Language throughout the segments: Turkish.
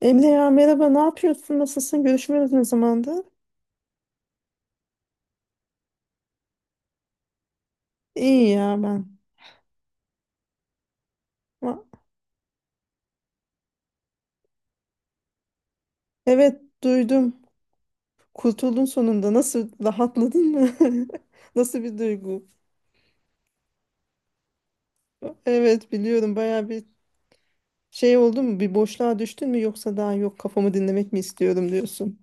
Emre ya, merhaba, ne yapıyorsun, nasılsın, görüşmüyoruz ne zamandır? İyi ya ben. Va- Evet duydum, kurtuldun sonunda, nasıl rahatladın mı? Nasıl bir duygu? Evet biliyorum, baya bir şey oldu mu, bir boşluğa düştün mü, yoksa daha yok kafamı dinlemek mi istiyorum diyorsun.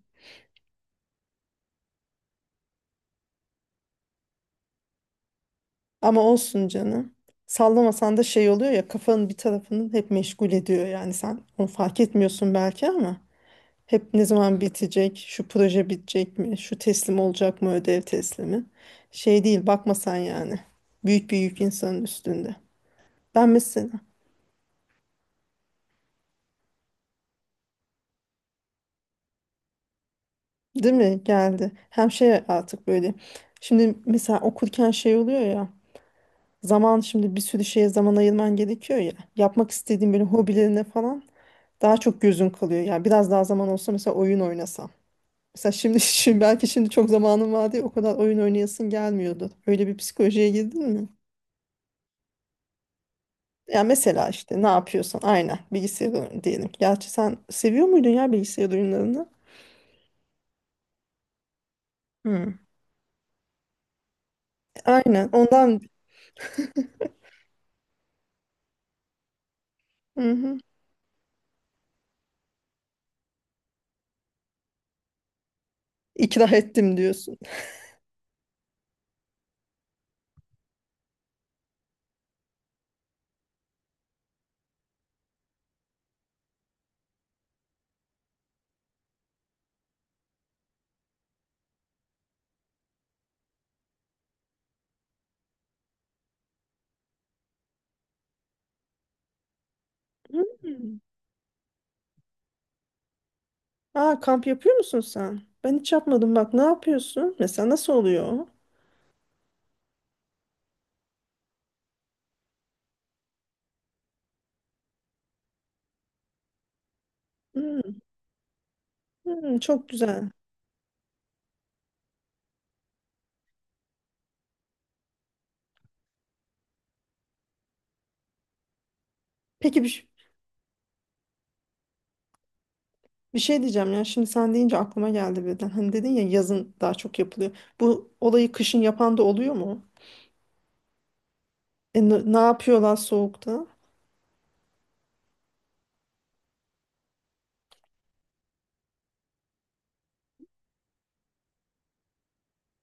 Ama olsun canım. Sallamasan da şey oluyor ya, kafanın bir tarafının hep meşgul ediyor, yani sen onu fark etmiyorsun belki ama. Hep ne zaman bitecek, şu proje bitecek mi, şu teslim olacak mı, ödev teslimi. Şey değil, bakma sen yani. Büyük bir yük insanın üstünde. Ben mesela, değil mi geldi. Hem şey artık böyle. Şimdi mesela okurken şey oluyor ya. Zaman şimdi bir sürü şeye zaman ayırman gerekiyor ya. Yapmak istediğin böyle hobilerine falan daha çok gözün kalıyor. Yani biraz daha zaman olsa mesela oyun oynasam. Mesela şimdi, şimdi belki şimdi çok zamanım var diye o kadar oyun oynayasın gelmiyordu. Öyle bir psikolojiye girdin mi? Ya mesela işte ne yapıyorsan aynen bilgisayar oyunu diyelim. Gerçi sen seviyor muydun ya bilgisayar oyunlarını? Hmm. Aynen ondan. Hı hı. ikna ettim diyorsun. Hmm. Aa, kamp yapıyor musun sen? Ben hiç yapmadım, bak ne yapıyorsun mesela, nasıl oluyor o? Hmm, hmm, çok güzel. Peki bir, bir şey diyeceğim ya, şimdi sen deyince aklıma geldi birden. Hani dedin ya, yazın daha çok yapılıyor. Bu olayı kışın yapan da oluyor mu? Ne yapıyorlar soğukta?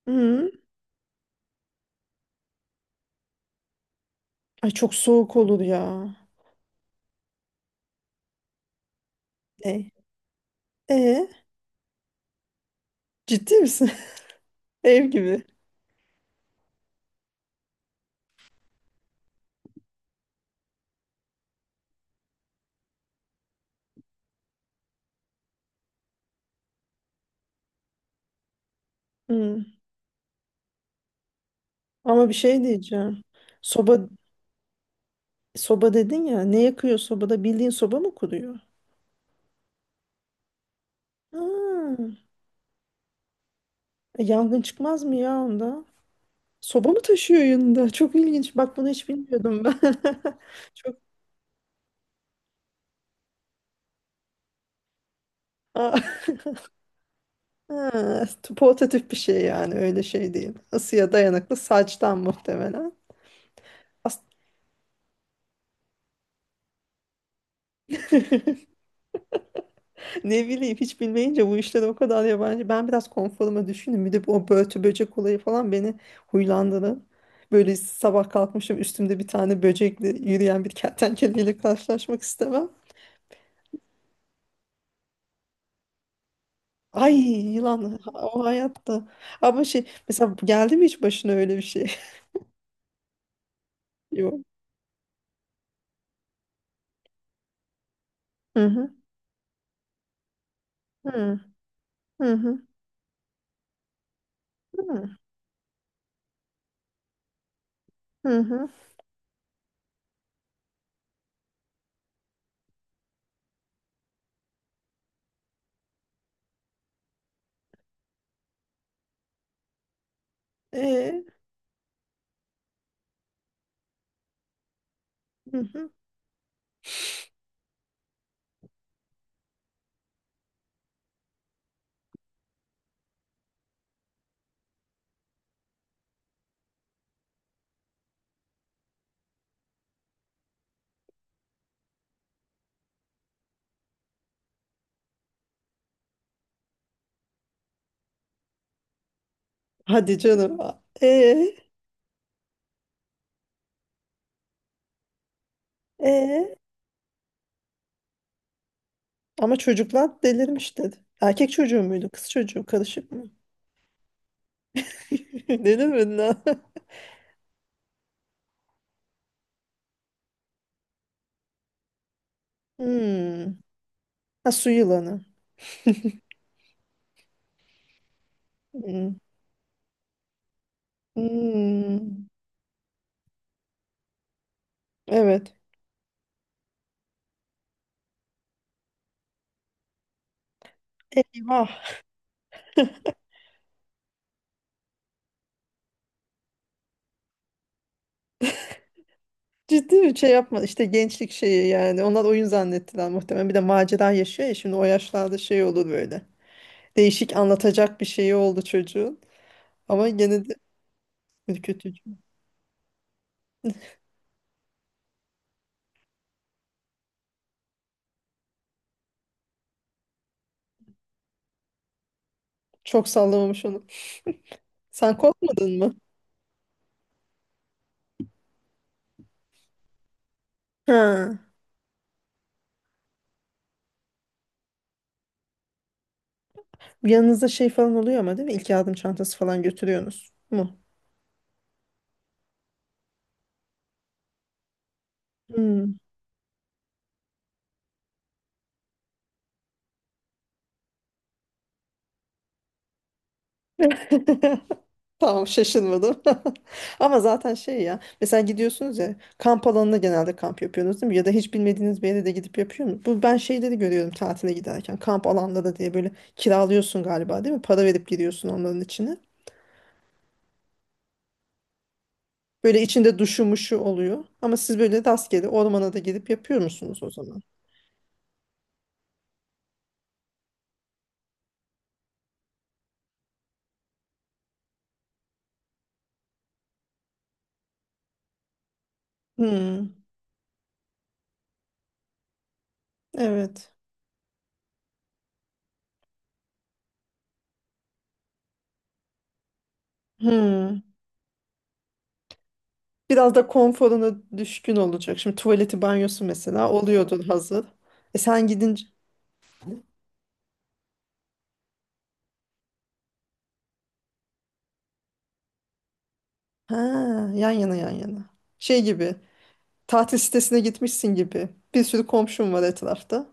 Hmm. Ay çok soğuk olur ya. E, E, Ciddi misin? Ev gibi. Hmm. Ama bir şey diyeceğim. Soba soba dedin ya. Ne yakıyor sobada? Bildiğin soba mı kuruyor? Hmm. Yangın çıkmaz mı ya onda? Soba mı taşıyor yanında? Çok ilginç. Bak, bunu hiç bilmiyordum ben. Çok Aa, ha, portatif bir şey yani, öyle şey değil. Isıya dayanıklı saçtan muhtemelen. As- Ne bileyim, hiç bilmeyince bu işler o kadar yabancı. Ben biraz konforuma düşündüm. Bir de bu o börtü böcek olayı falan beni huylandırdı. Böyle sabah kalkmışım, üstümde bir tane böcekle yürüyen bir kertenkeleyle karşılaşmak istemem. Ay, yılan o hayatta. Ama şey, mesela geldi mi hiç başına öyle bir şey? Yok. Hı hı. Hı hı. Hı hı. Hı hı. E, hı hı. Hadi canım. E, e. Ama çocuklar delirmiş dedi. Erkek çocuğu muydu? Kız çocuğu, karışık mı? Ne demedin ha? Hmm. Ha, su yılanı. Hmm. Hmm. Evet. Eyvah. Ciddi bir şey yapma. İşte gençlik şeyi yani. Onlar oyun zannettiler muhtemelen. Bir de macera yaşıyor ya şimdi, o yaşlarda şey olur böyle. Değişik anlatacak bir şeyi oldu çocuğun. Ama gene de ürkütücü. Çok sallamamış onu. Sen korkmadın mı? Ha. Yanınızda şey falan oluyor ama, değil mi? İlk yardım çantası falan götürüyorsunuz mu? Hmm. Tamam, şaşırmadım. Ama zaten şey ya, mesela gidiyorsunuz ya kamp alanına, genelde kamp yapıyorsunuz değil mi? Ya da hiç bilmediğiniz bir yere de gidip yapıyor musunuz? Bu ben şeyleri görüyorum, tatile giderken kamp alanları diye böyle kiralıyorsun galiba, değil mi? Para verip giriyorsun onların içine. Böyle içinde duşu muşu oluyor. Ama siz böyle rastgele ormana da gidip yapıyor musunuz o zaman? Hmm, evet. Hmm. Biraz da konforuna düşkün olacak. Şimdi tuvaleti, banyosu mesela oluyordur hazır. E sen gidince ha, yan yana yan yana. Şey gibi, tatil sitesine gitmişsin gibi. Bir sürü komşum var etrafta.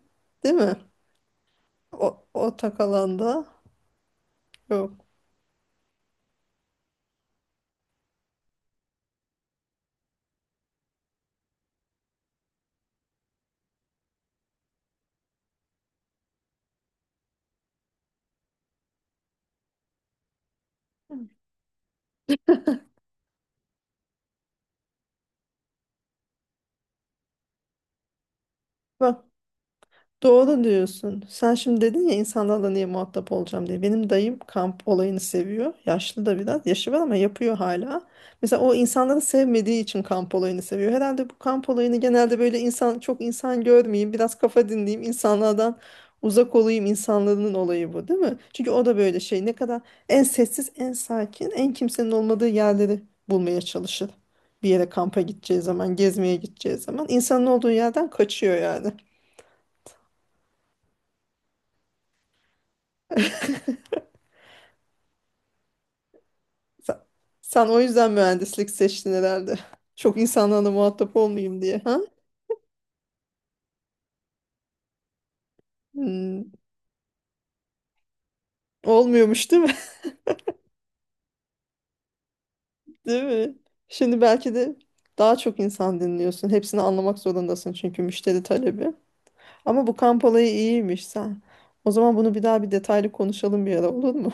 Değil mi? O, ortak alanda yok. Doğru diyorsun. Sen şimdi dedin ya insanlarla niye muhatap olacağım diye. Benim dayım kamp olayını seviyor. Yaşlı da biraz. Yaşı var ama yapıyor hala. Mesela o, insanları sevmediği için kamp olayını seviyor herhalde. Bu kamp olayını genelde böyle insan, çok insan görmeyeyim, biraz kafa dinleyeyim, insanlardan uzak olayım, insanların olayı bu değil mi? Çünkü o da böyle şey, ne kadar en sessiz, en sakin, en kimsenin olmadığı yerleri bulmaya çalışır. Bir yere kampa gideceği zaman, gezmeye gideceği zaman, insanın olduğu yerden kaçıyor yani. Sen, sen o yüzden mühendislik seçtin herhalde. Çok insanlarla muhatap olmayayım diye. Ha? Hmm. Olmuyormuş değil mi? Değil mi? Şimdi belki de daha çok insan dinliyorsun. Hepsini anlamak zorundasın çünkü müşteri talebi. Ama bu kamp olayı iyiymiş sen. O zaman bunu bir daha, bir detaylı konuşalım bir ara, olur mu?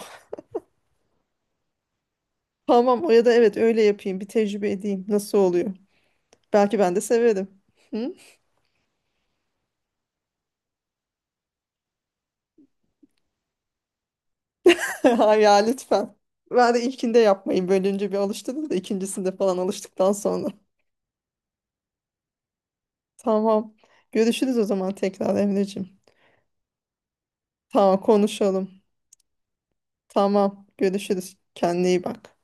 Tamam, o ya da evet, öyle yapayım. Bir tecrübe edeyim, nasıl oluyor? Belki ben de severim. Hı? Hayır ya, lütfen. Ben de ilkinde yapmayın. Bölünce bir alıştınız da, ikincisinde falan, alıştıktan sonra. Tamam. Görüşürüz o zaman tekrar, Emreciğim. Tamam, konuşalım. Tamam. Görüşürüz. Kendine iyi bak.